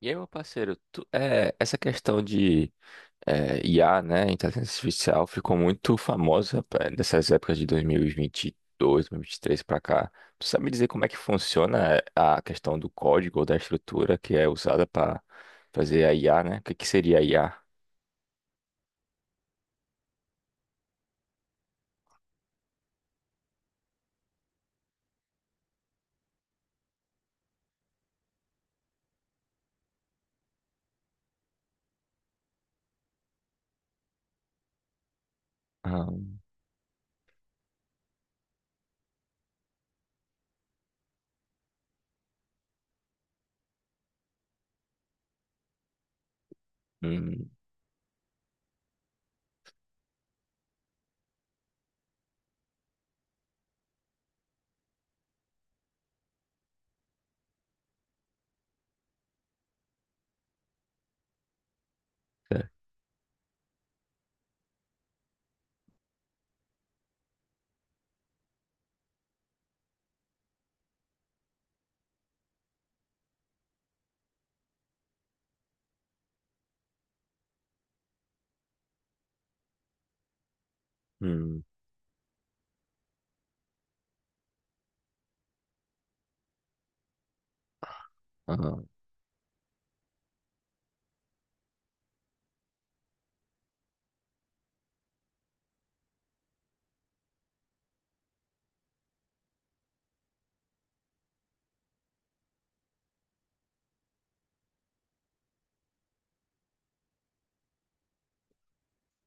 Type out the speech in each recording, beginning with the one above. E aí, meu parceiro, essa questão de IA, né, inteligência artificial, ficou muito famosa pá, nessas épocas de 2022, 2023 para cá. Tu sabe me dizer como é que funciona a questão do código ou da estrutura que é usada para fazer a IA, né? O que que seria a IA? Ah. Hum. É. Hum. Ah.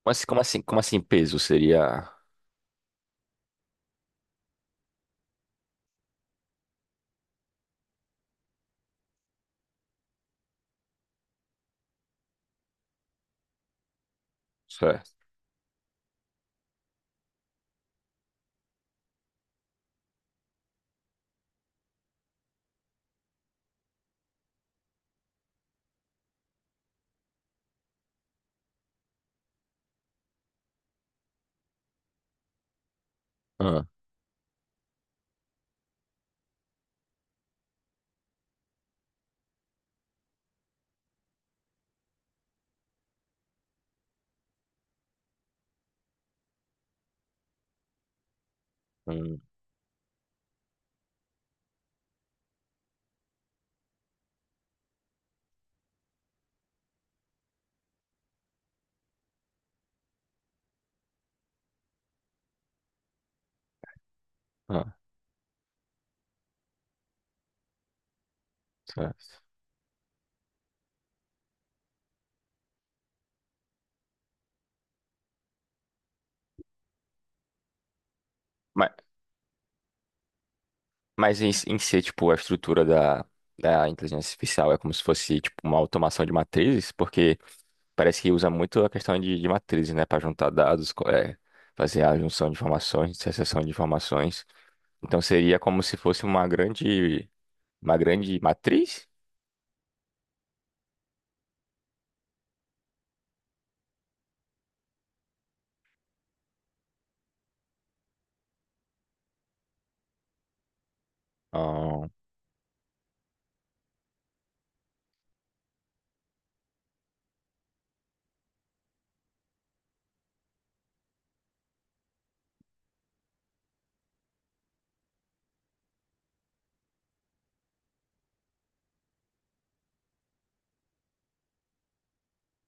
Como assim, como assim, como assim peso seria? Certo. Ah. Hum. Ah. Certo. Mas em si, tipo, a estrutura da inteligência artificial é como se fosse, tipo, uma automação de matrizes, porque parece que usa muito a questão de matrizes, né, para juntar dados, fazer a junção de informações, dissociação de informações. Então seria como se fosse uma grande matriz? Ah.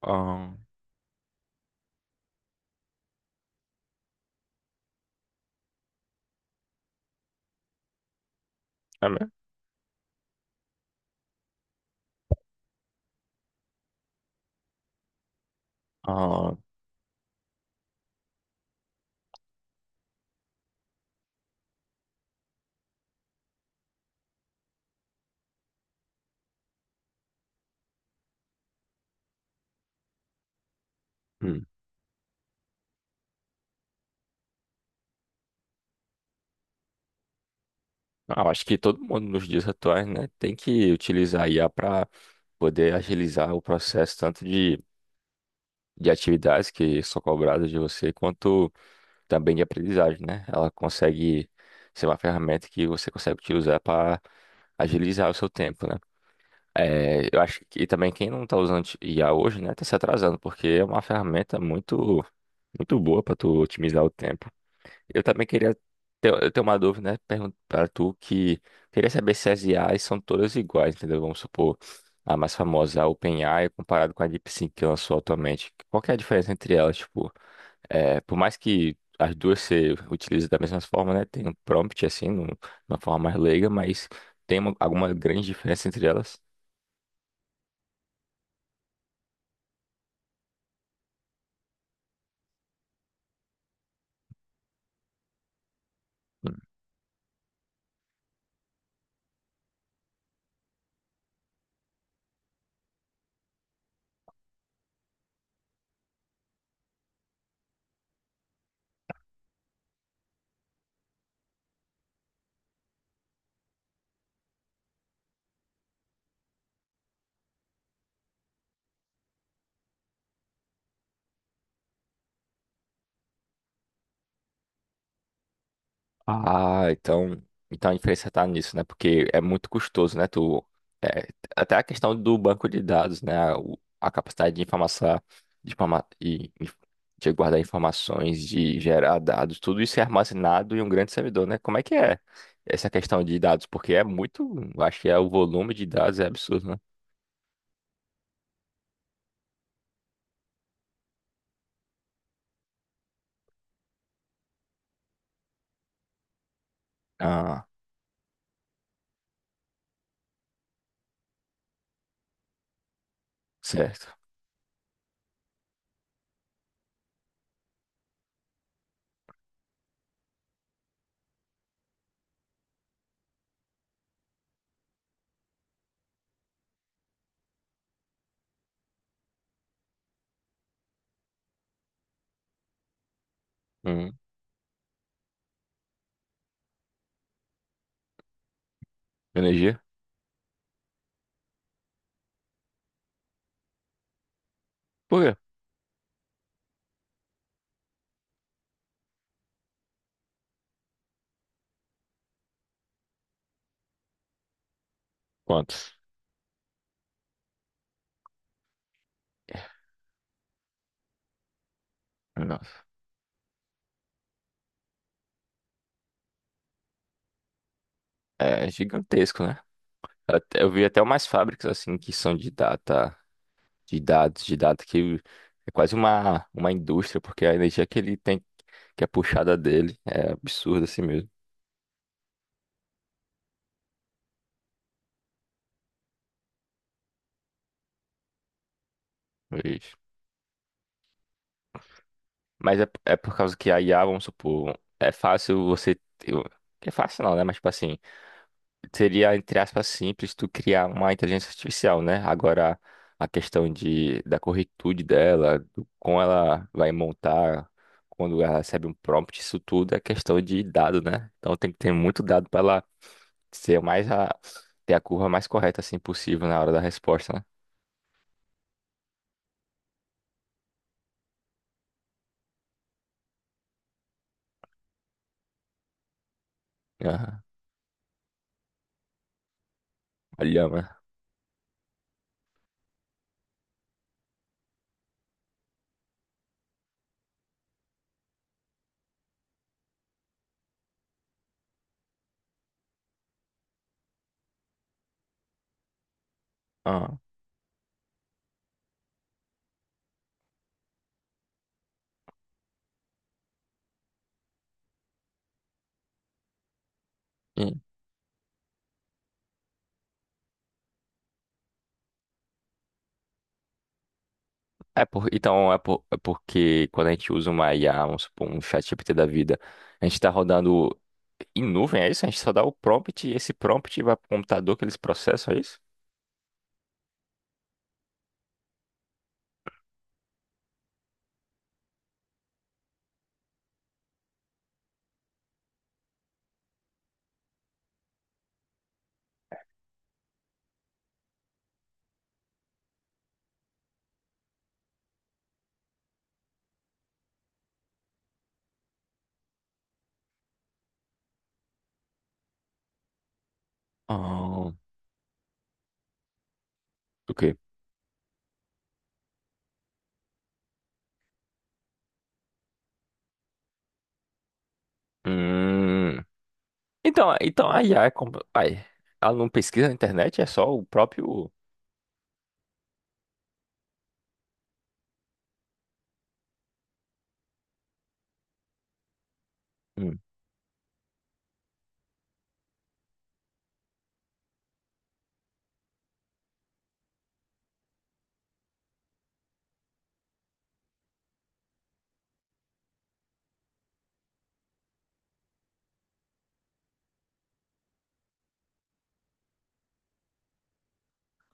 Ah, é mesmo? Ah. Hum. Ah, eu acho que todo mundo nos dias atuais, né, tem que utilizar a IA para poder agilizar o processo tanto de atividades que são cobradas de você, quanto também de aprendizagem, né? Ela consegue ser uma ferramenta que você consegue utilizar para agilizar o seu tempo, né? É, eu acho que também quem não está usando I a hoje, né, tá se atrasando, porque é uma ferramenta muito, muito boa para tu otimizar o tempo. Eu também eu tenho uma dúvida, né, para tu que queria saber se as IAs são todas iguais, entendeu? Vamos supor a mais famosa, a OpenAI, comparado com a DeepSeek que lançou atualmente. Qual que é a diferença entre elas? Tipo, por mais que as duas se utilizem da mesma forma, né? Tem um prompt assim, numa forma mais leiga, mas tem alguma grande diferença entre elas. Hum. Ah, então a diferença tá nisso, né? Porque é muito custoso, né? É, até a questão do banco de dados, né? A capacidade de informação, de, informa- e- e- de guardar informações, de gerar dados, tudo isso é armazenado em um grande servidor, né? Como é que é essa questão de dados? Porque é muito, eu acho que é o volume de dados é absurdo, né? Ah, certo. Hum. Energia? Por quê? Quantos? Nossa. É gigantesco, né? Eu vi até umas fábricas assim que são de data, de dados, de data que é quase uma indústria, porque a energia que ele tem, que é puxada dele, é absurda assim mesmo. Mas mas é por causa que a IA, vamos supor, é fácil você. É fácil não, né? Mas tipo assim. Seria, entre aspas, simples tu criar uma inteligência artificial, né? Agora, a questão da corretude dela, do como ela vai montar, quando ela recebe um prompt, isso tudo é questão de dado, né? Então tem que ter muito dado para ela ser mais a, ter a curva mais correta assim possível na hora da resposta, né? Aham. Olha, mano. Aham. Então, é porque quando a gente usa uma IA, vamos supor, um ChatGPT da vida, a gente está rodando em nuvem, é isso? A gente só dá o prompt e esse prompt vai para o computador que eles processam, é isso? Ah, ok. Hum, então a IA é como. Ai, ela não pesquisa na internet, é só o próprio. Hum.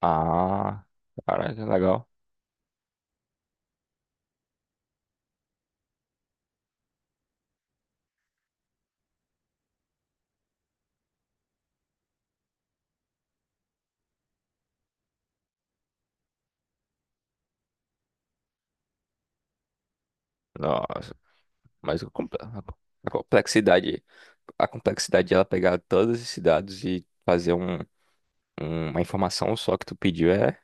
Ah, caraca, legal. Nossa, mas a complexidade. A complexidade de ela pegar todos esses dados e fazer um. Uma informação só que tu pediu é.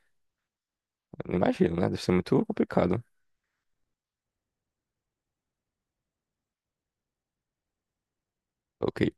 Não imagino, né? Deve ser muito complicado. Ok.